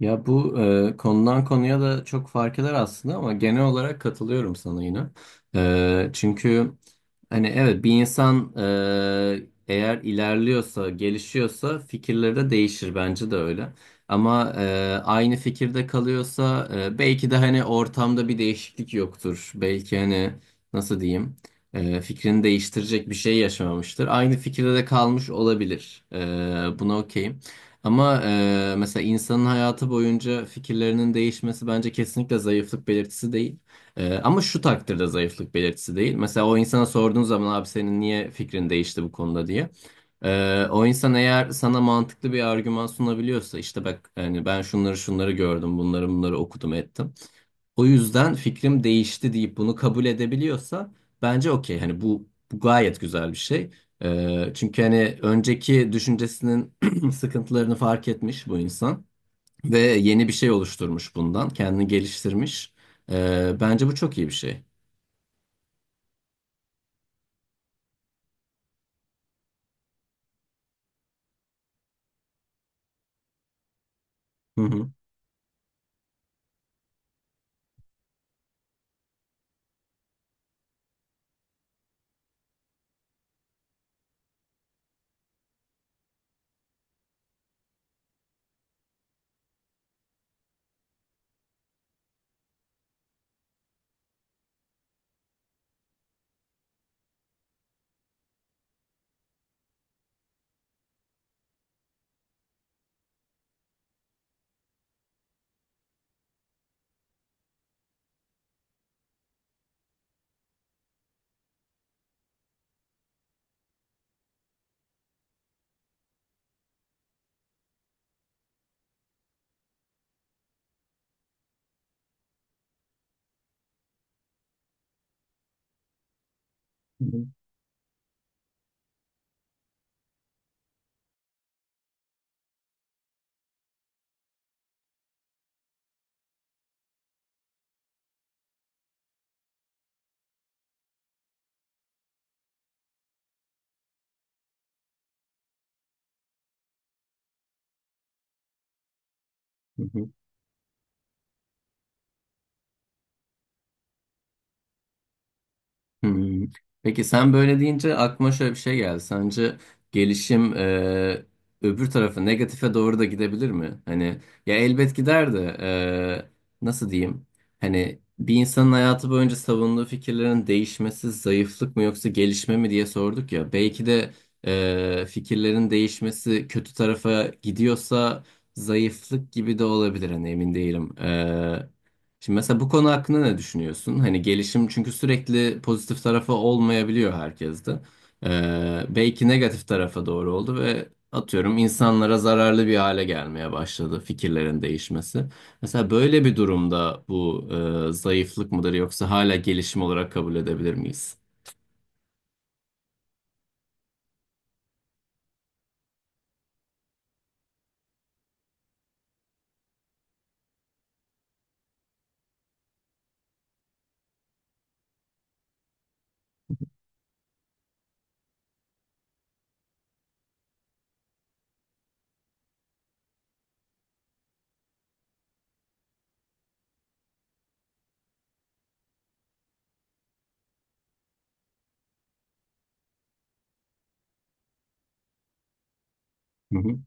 Ya bu konudan konuya da çok fark eder aslında ama genel olarak katılıyorum sana yine. E, çünkü Hani evet bir insan eğer ilerliyorsa, gelişiyorsa fikirleri de değişir bence de öyle. Ama aynı fikirde kalıyorsa belki de hani ortamda bir değişiklik yoktur. Belki hani nasıl diyeyim fikrini değiştirecek bir şey yaşamamıştır. Aynı fikirde de kalmış olabilir. Buna okeyim. Ama mesela insanın hayatı boyunca fikirlerinin değişmesi bence kesinlikle zayıflık belirtisi değil. Ama şu takdirde zayıflık belirtisi değil. Mesela o insana sorduğun zaman abi senin niye fikrin değişti bu konuda diye. O insan eğer sana mantıklı bir argüman sunabiliyorsa işte bak hani ben şunları şunları gördüm bunları bunları okudum ettim. O yüzden fikrim değişti deyip bunu kabul edebiliyorsa bence okey hani bu gayet güzel bir şey. Çünkü hani önceki düşüncesinin sıkıntılarını fark etmiş bu insan. Ve yeni bir şey oluşturmuş bundan. Kendini geliştirmiş. Bence bu çok iyi bir şey. Hı hı. Hı hı. Hmm. Peki sen böyle deyince aklıma şöyle bir şey geldi. Sence gelişim, öbür tarafa negatife doğru da gidebilir mi? Hani ya elbet gider de, e, nasıl diyeyim? hani bir insanın hayatı boyunca savunduğu fikirlerin değişmesi zayıflık mı yoksa gelişme mi diye sorduk ya. Belki de fikirlerin değişmesi kötü tarafa gidiyorsa zayıflık gibi de olabilir. Hani emin değilim. Şimdi mesela bu konu hakkında ne düşünüyorsun? Hani gelişim çünkü sürekli pozitif tarafı olmayabiliyor herkeste. Belki negatif tarafa doğru oldu ve atıyorum insanlara zararlı bir hale gelmeye başladı fikirlerin değişmesi. Mesela böyle bir durumda bu zayıflık mıdır yoksa hala gelişim olarak kabul edebilir miyiz? Hı hı.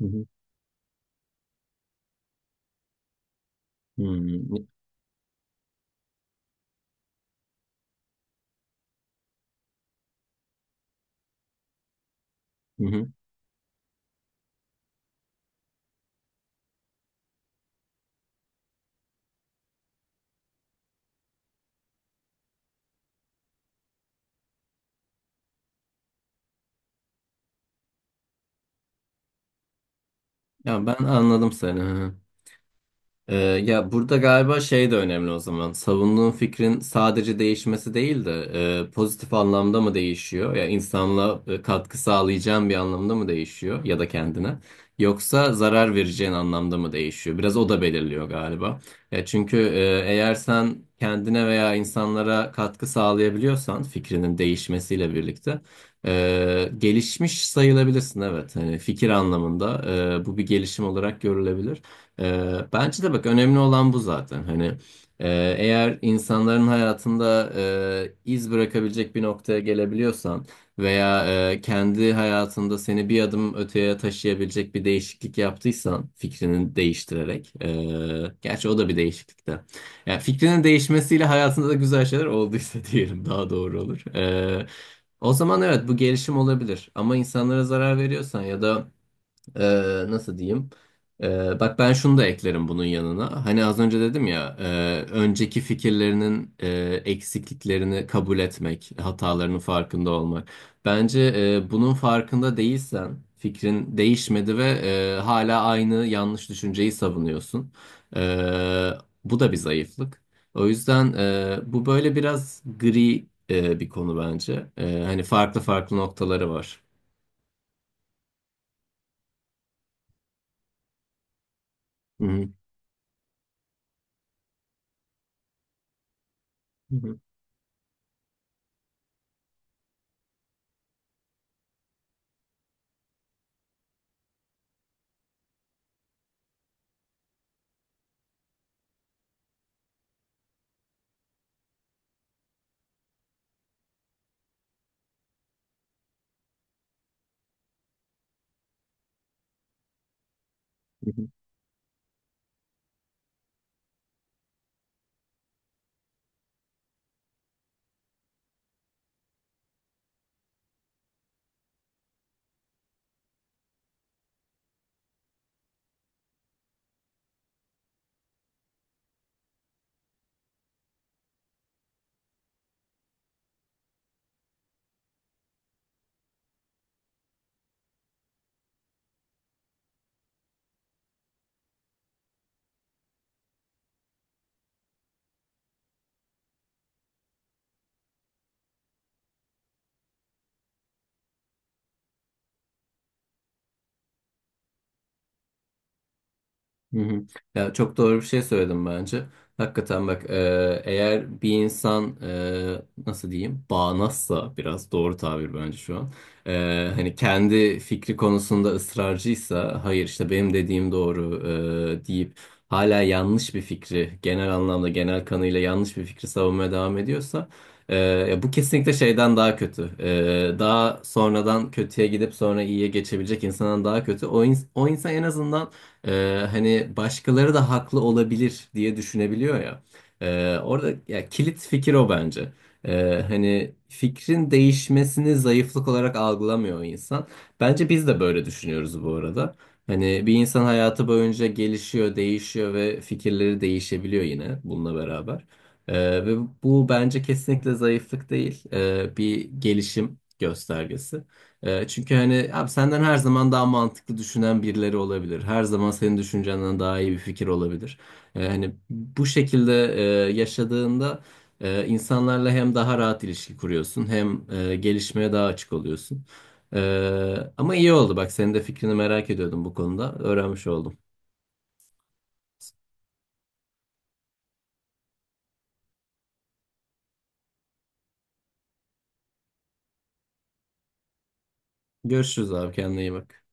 Hı hı. Hmm, hı hı. Ya ben anladım seni. Ya burada galiba şey de önemli o zaman. Savunduğun fikrin sadece değişmesi değil de, pozitif anlamda mı değişiyor? Ya insanla katkı sağlayacağın bir anlamda mı değişiyor ya da kendine? Yoksa zarar vereceğin anlamda mı değişiyor? Biraz o da belirliyor galiba. Ya çünkü eğer sen kendine veya insanlara katkı sağlayabiliyorsan fikrinin değişmesiyle birlikte gelişmiş sayılabilirsin evet. Hani fikir anlamında bu bir gelişim olarak görülebilir. Bence de bak önemli olan bu zaten. Hani e, eğer insanların hayatında iz bırakabilecek bir noktaya gelebiliyorsan veya kendi hayatında seni bir adım öteye taşıyabilecek bir değişiklik yaptıysan fikrini değiştirerek, gerçi o da bir değişiklik de. Yani fikrinin değişmesiyle hayatında da güzel şeyler olduysa diyelim daha doğru olur. O zaman evet bu gelişim olabilir. Ama insanlara zarar veriyorsan ya da nasıl diyeyim? Bak ben şunu da eklerim bunun yanına. Hani az önce dedim ya, önceki fikirlerinin eksikliklerini kabul etmek, hatalarının farkında olmak. Bence bunun farkında değilsen, fikrin değişmedi ve hala aynı yanlış düşünceyi savunuyorsun. E, Bu da bir zayıflık. O yüzden bu böyle biraz gri bir konu bence. Hani farklı farklı noktaları var. Hı hı. Hı hı. Hı hı. Ya çok doğru bir şey söyledim bence. Hakikaten bak, eğer bir insan e, nasıl diyeyim bağnazsa biraz doğru tabir bence şu an. Hani kendi fikri konusunda ısrarcıysa hayır işte benim dediğim doğru deyip hala yanlış bir fikri genel anlamda genel kanıyla yanlış bir fikri savunmaya devam ediyorsa, ya bu kesinlikle şeyden daha kötü. Daha sonradan kötüye gidip sonra iyiye geçebilecek insandan daha kötü. O insan en azından hani başkaları da haklı olabilir diye düşünebiliyor ya. Orada ya kilit fikir o bence. Hani fikrin değişmesini zayıflık olarak algılamıyor insan. Bence biz de böyle düşünüyoruz bu arada. Hani bir insan hayatı boyunca gelişiyor, değişiyor ve fikirleri değişebiliyor yine bununla beraber. Ve bu bence kesinlikle zayıflık değil, bir gelişim göstergesi. Çünkü hani abi senden her zaman daha mantıklı düşünen birileri olabilir. Her zaman senin düşüncenden daha iyi bir fikir olabilir. Hani bu şekilde yaşadığında insanlarla hem daha rahat ilişki kuruyorsun hem gelişmeye daha açık oluyorsun. Ama iyi oldu bak senin de fikrini merak ediyordum bu konuda. Öğrenmiş oldum. Görüşürüz abi, kendine iyi bak.